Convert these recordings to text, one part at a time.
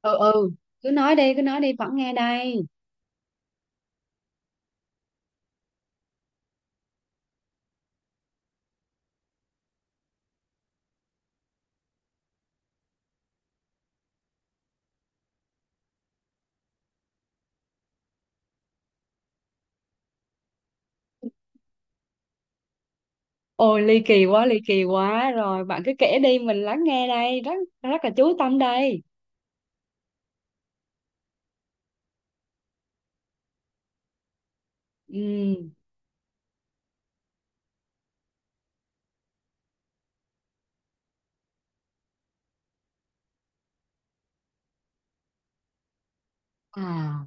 Ừ, ừ, cứ nói đi, cứ nói đi, vẫn nghe đây. Ôi, ly kỳ quá, ly kỳ quá, rồi bạn cứ kể đi, mình lắng nghe đây, rất rất là chú tâm đây. Ừ. À,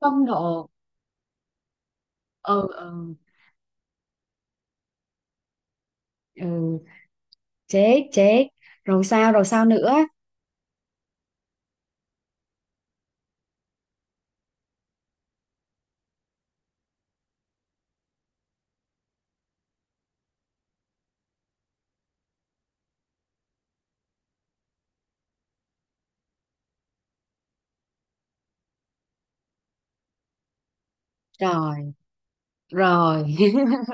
phong độ. Ừ, ừ, ừ. Chết, chết. Rồi sao, rồi sao nữa? Rồi, rồi.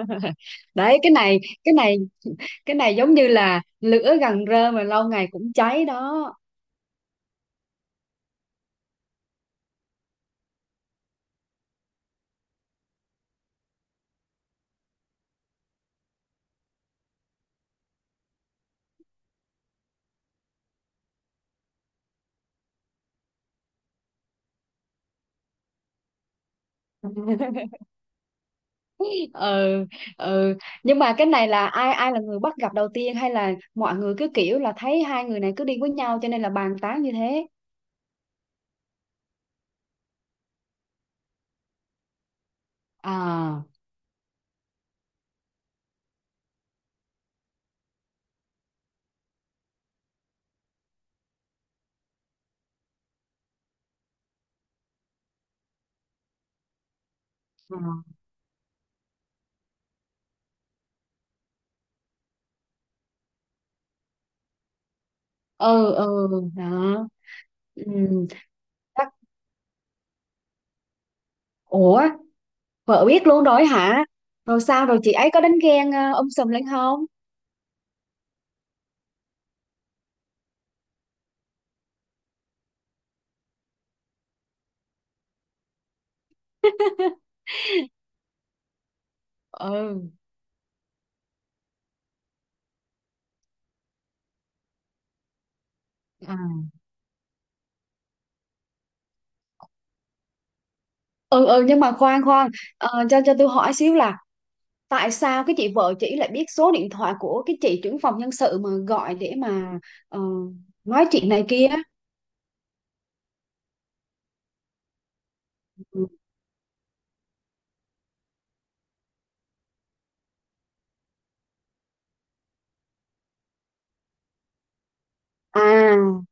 Đấy, cái này giống như là lửa gần rơm mà lâu ngày cũng cháy đó. Ừ, ừ, nhưng mà cái này là ai ai là người bắt gặp đầu tiên, hay là mọi người cứ kiểu là thấy hai người này cứ đi với nhau cho nên là bàn tán như thế? À. Ừ, ừ, ừ. Đó. Ừ. chắc- Ủa, vợ biết luôn rồi hả? Rồi sao, rồi chị ấy có đánh ghen sùm lên không? Ừ. À. Ừ, ừ, nhưng mà khoan khoan. Cho tôi hỏi xíu là tại sao cái chị vợ chị lại biết số điện thoại của cái chị trưởng phòng nhân sự mà gọi để mà ờ, nói chuyện này kia? À,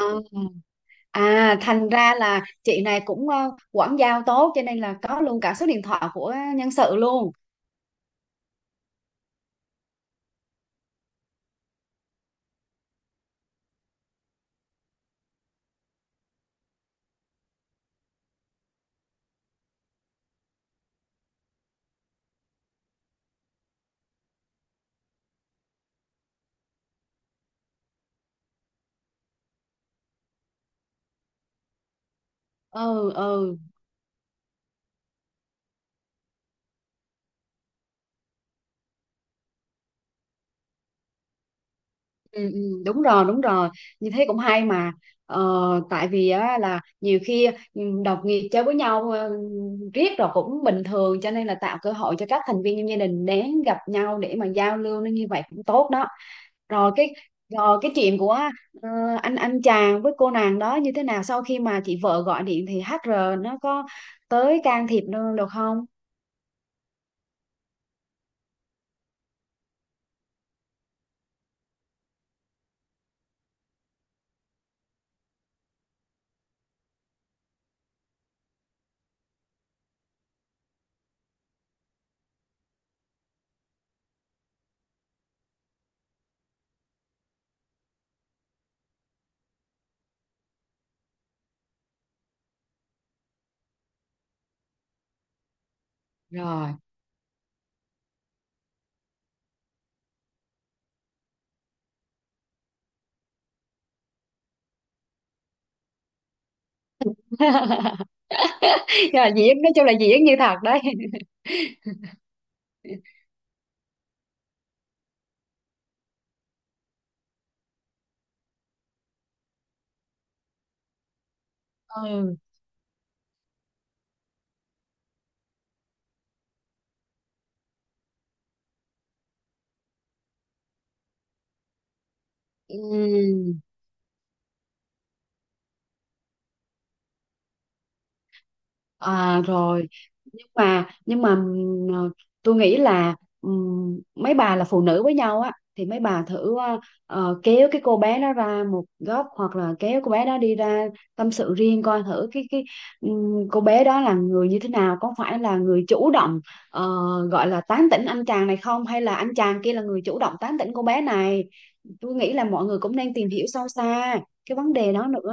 à, à, thành ra là chị này cũng quảng giao tốt, cho nên là có luôn cả số điện thoại của nhân sự luôn. Ừ, ừ, ừ, ừ, đúng rồi, đúng rồi, như thế cũng hay mà. ờ, Tại vì á, là nhiều khi đồng nghiệp chơi với nhau riết rồi cũng bình thường, cho nên là tạo cơ hội cho các thành viên trong gia đình đến gặp nhau để mà giao lưu, nó như vậy cũng tốt đó. Rồi cái, chuyện của ờ, anh chàng với cô nàng đó như thế nào, sau khi mà chị vợ gọi điện thì HR nó có tới can thiệp nữa được không? Rồi. Rồi, diễn, nói chung là diễn như thật đấy. Ừ. Ừ. À rồi, nhưng mà tôi nghĩ là mấy bà là phụ nữ với nhau á thì mấy bà thử kéo cái cô bé đó ra một góc, hoặc là kéo cô bé đó đi ra tâm sự riêng, coi thử cái cô bé đó là người như thế nào, có phải là người chủ động ờ, gọi là tán tỉnh anh chàng này không, hay là anh chàng kia là người chủ động tán tỉnh cô bé này. Tôi nghĩ là mọi người cũng nên tìm hiểu sâu xa cái vấn đề đó nữa.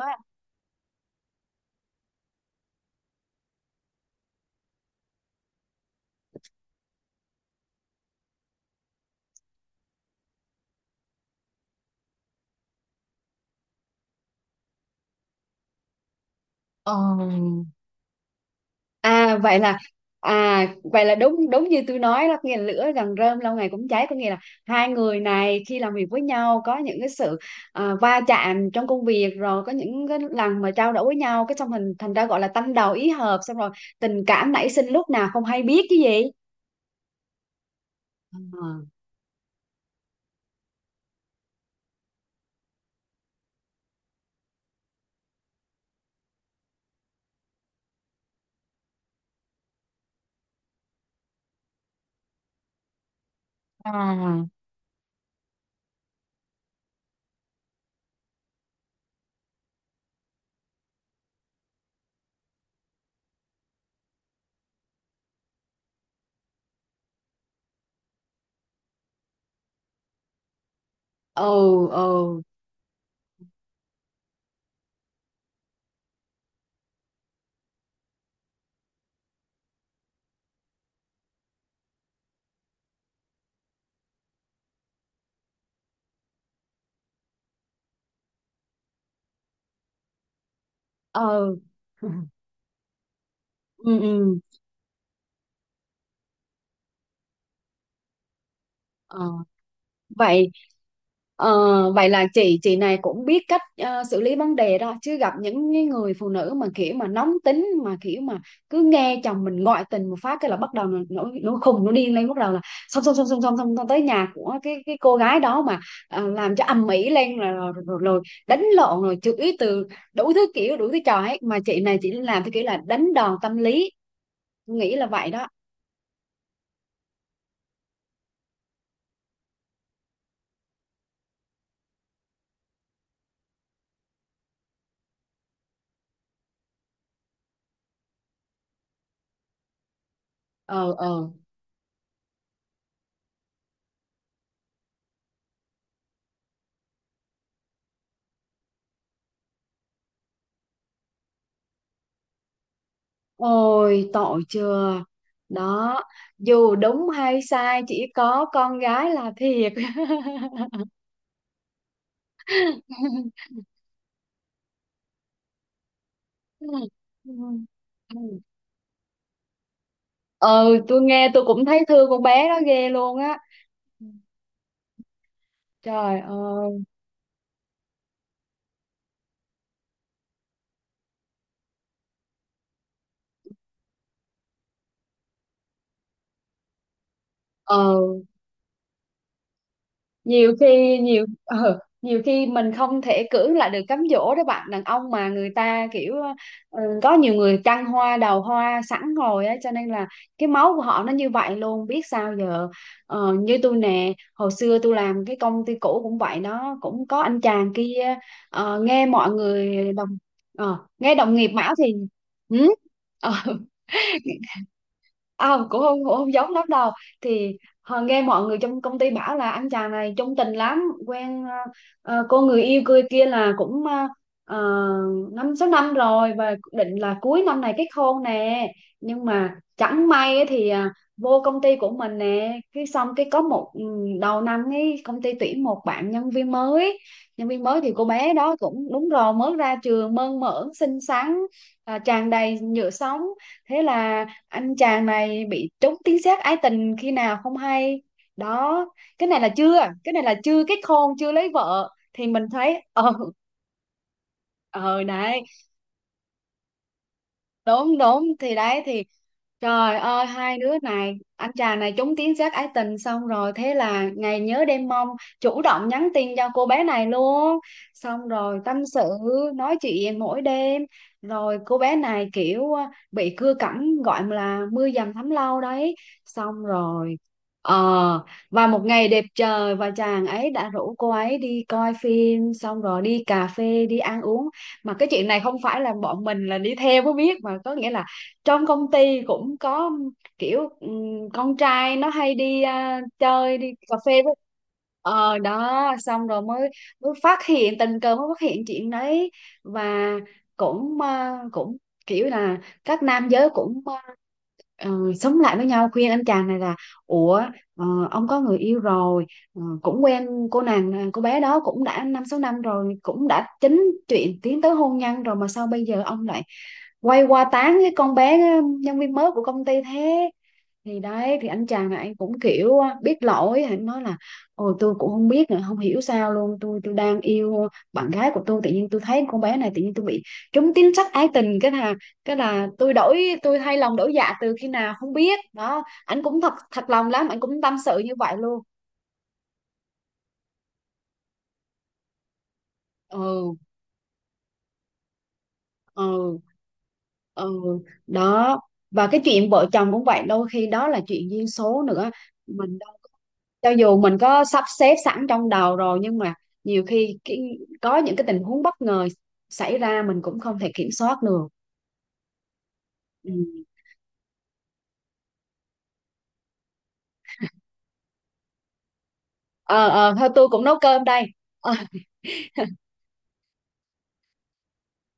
Ờ, À vậy là à vậy là đúng, đúng như tôi nói đó, nghĩa là lửa gần rơm lâu ngày cũng cháy, có nghĩa là hai người này khi làm việc với nhau có những cái sự va chạm trong công việc, rồi có những cái lần mà trao đổi với nhau cái xong thành thành ra gọi là tâm đầu ý hợp, xong rồi tình cảm nảy sinh lúc nào không hay biết chứ gì. À. Ừ, ừ, ừ. Ừ, ừ. Ờ. vậy vậy là chị này cũng biết cách xử lý vấn đề đó, chứ gặp những cái người phụ nữ mà kiểu mà nóng tính, mà kiểu mà cứ nghe chồng mình ngoại tình một phát cái là bắt đầu nó khùng nó điên lên, bắt đầu là xong xong xong xong xong xong xong, tới nhà của cái cô gái đó mà làm cho ầm ĩ lên, rồi, rồi, rồi, rồi đánh lộn, rồi chửi từ đủ thứ kiểu, đủ thứ trò ấy, mà chị này chỉ làm theo kiểu là đánh đòn tâm lý, nghĩ là vậy đó. Ờ, ờ. Ôi tội chưa. Đó. Dù đúng hay sai, chỉ có con gái là thiệt. Ừ, tôi nghe tôi cũng thấy thương con bé đó ghê luôn á. Trời ơi. Ờ, nhiều khi nhiều khi mình không thể cưỡng lại được cám dỗ đó bạn, đàn ông mà người ta kiểu có nhiều người trăng hoa đầu hoa sẵn rồi á, cho nên là cái máu của họ nó như vậy luôn, biết sao giờ. Ờ, như tôi nè, hồi xưa tôi làm cái công ty cũ cũng vậy, nó cũng có anh chàng kia. ờ, nghe mọi người đồng Nghe đồng nghiệp bảo thì ừ, Ờ, cũng không giống lắm đâu. Thì họ nghe mọi người trong công ty bảo là anh chàng này chung tình lắm, quen cô người yêu cười kia là cũng 5-6 năm rồi, và định là cuối năm này kết hôn nè. Nhưng mà chẳng may ấy thì vô công ty của mình nè, cái xong cái có một đầu năm ấy công ty tuyển một bạn nhân viên mới. Nhân viên mới thì cô bé đó cũng đúng rồi, mới ra trường, mơn mởn xinh xắn, tràn đầy nhựa sống. Thế là anh chàng này bị trúng tiếng sét ái tình khi nào không hay. Đó, cái này là chưa, cái này là chưa kết hôn, chưa lấy vợ thì mình thấy. Ờ ờ Đấy, đúng đúng thì đấy thì, trời ơi hai đứa này, anh chàng này trúng tiếng giác ái tình, xong rồi thế là ngày nhớ đêm mong, chủ động nhắn tin cho cô bé này luôn, xong rồi tâm sự, nói chuyện mỗi đêm, rồi cô bé này kiểu bị cưa cẩm gọi là mưa dầm thấm lâu đấy, xong rồi ờ và một ngày đẹp trời và chàng ấy đã rủ cô ấy đi coi phim, xong rồi đi cà phê, đi ăn uống. Mà cái chuyện này không phải là bọn mình là đi theo mới biết mà, có nghĩa là trong công ty cũng có kiểu con trai nó hay đi chơi đi cà phê với đó, xong rồi mới mới phát hiện tình cờ, mới phát hiện chuyện đấy. Và cũng cũng kiểu là các nam giới cũng ờ, sống lại với nhau, khuyên anh chàng này là ủa, ờ, ông có người yêu rồi, cũng quen cô nàng, cô bé đó cũng đã 5-6 năm rồi, cũng đã chính chuyện tiến tới hôn nhân rồi, mà sao bây giờ ông lại quay qua tán cái con bé nhân viên mới của công ty thế? Thì đấy thì anh chàng này anh cũng kiểu á, biết lỗi, anh nói là ôi tôi cũng không biết nữa, không hiểu sao luôn, tôi đang yêu bạn gái của tôi, tự nhiên tôi thấy con bé này, tự nhiên tôi bị trúng tín sắc ái tình, cái là tôi thay lòng đổi dạ từ khi nào không biết đó, anh cũng thật thật lòng lắm, anh cũng tâm sự như vậy luôn. Ừ, ừ, ừ. Đó. Và cái chuyện vợ chồng cũng vậy, đôi khi đó là chuyện duyên số nữa. mình cho dù mình có sắp xếp sẵn trong đầu rồi, nhưng mà nhiều khi có những cái tình huống bất ngờ xảy ra mình cũng không thể kiểm soát được. Ừ. Ờ, ờ, thôi tôi cũng nấu cơm đây. Ờ,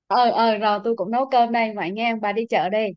ờ, ờ, rồi tôi cũng nấu cơm đây vậy nghe. Bà đi chợ đi.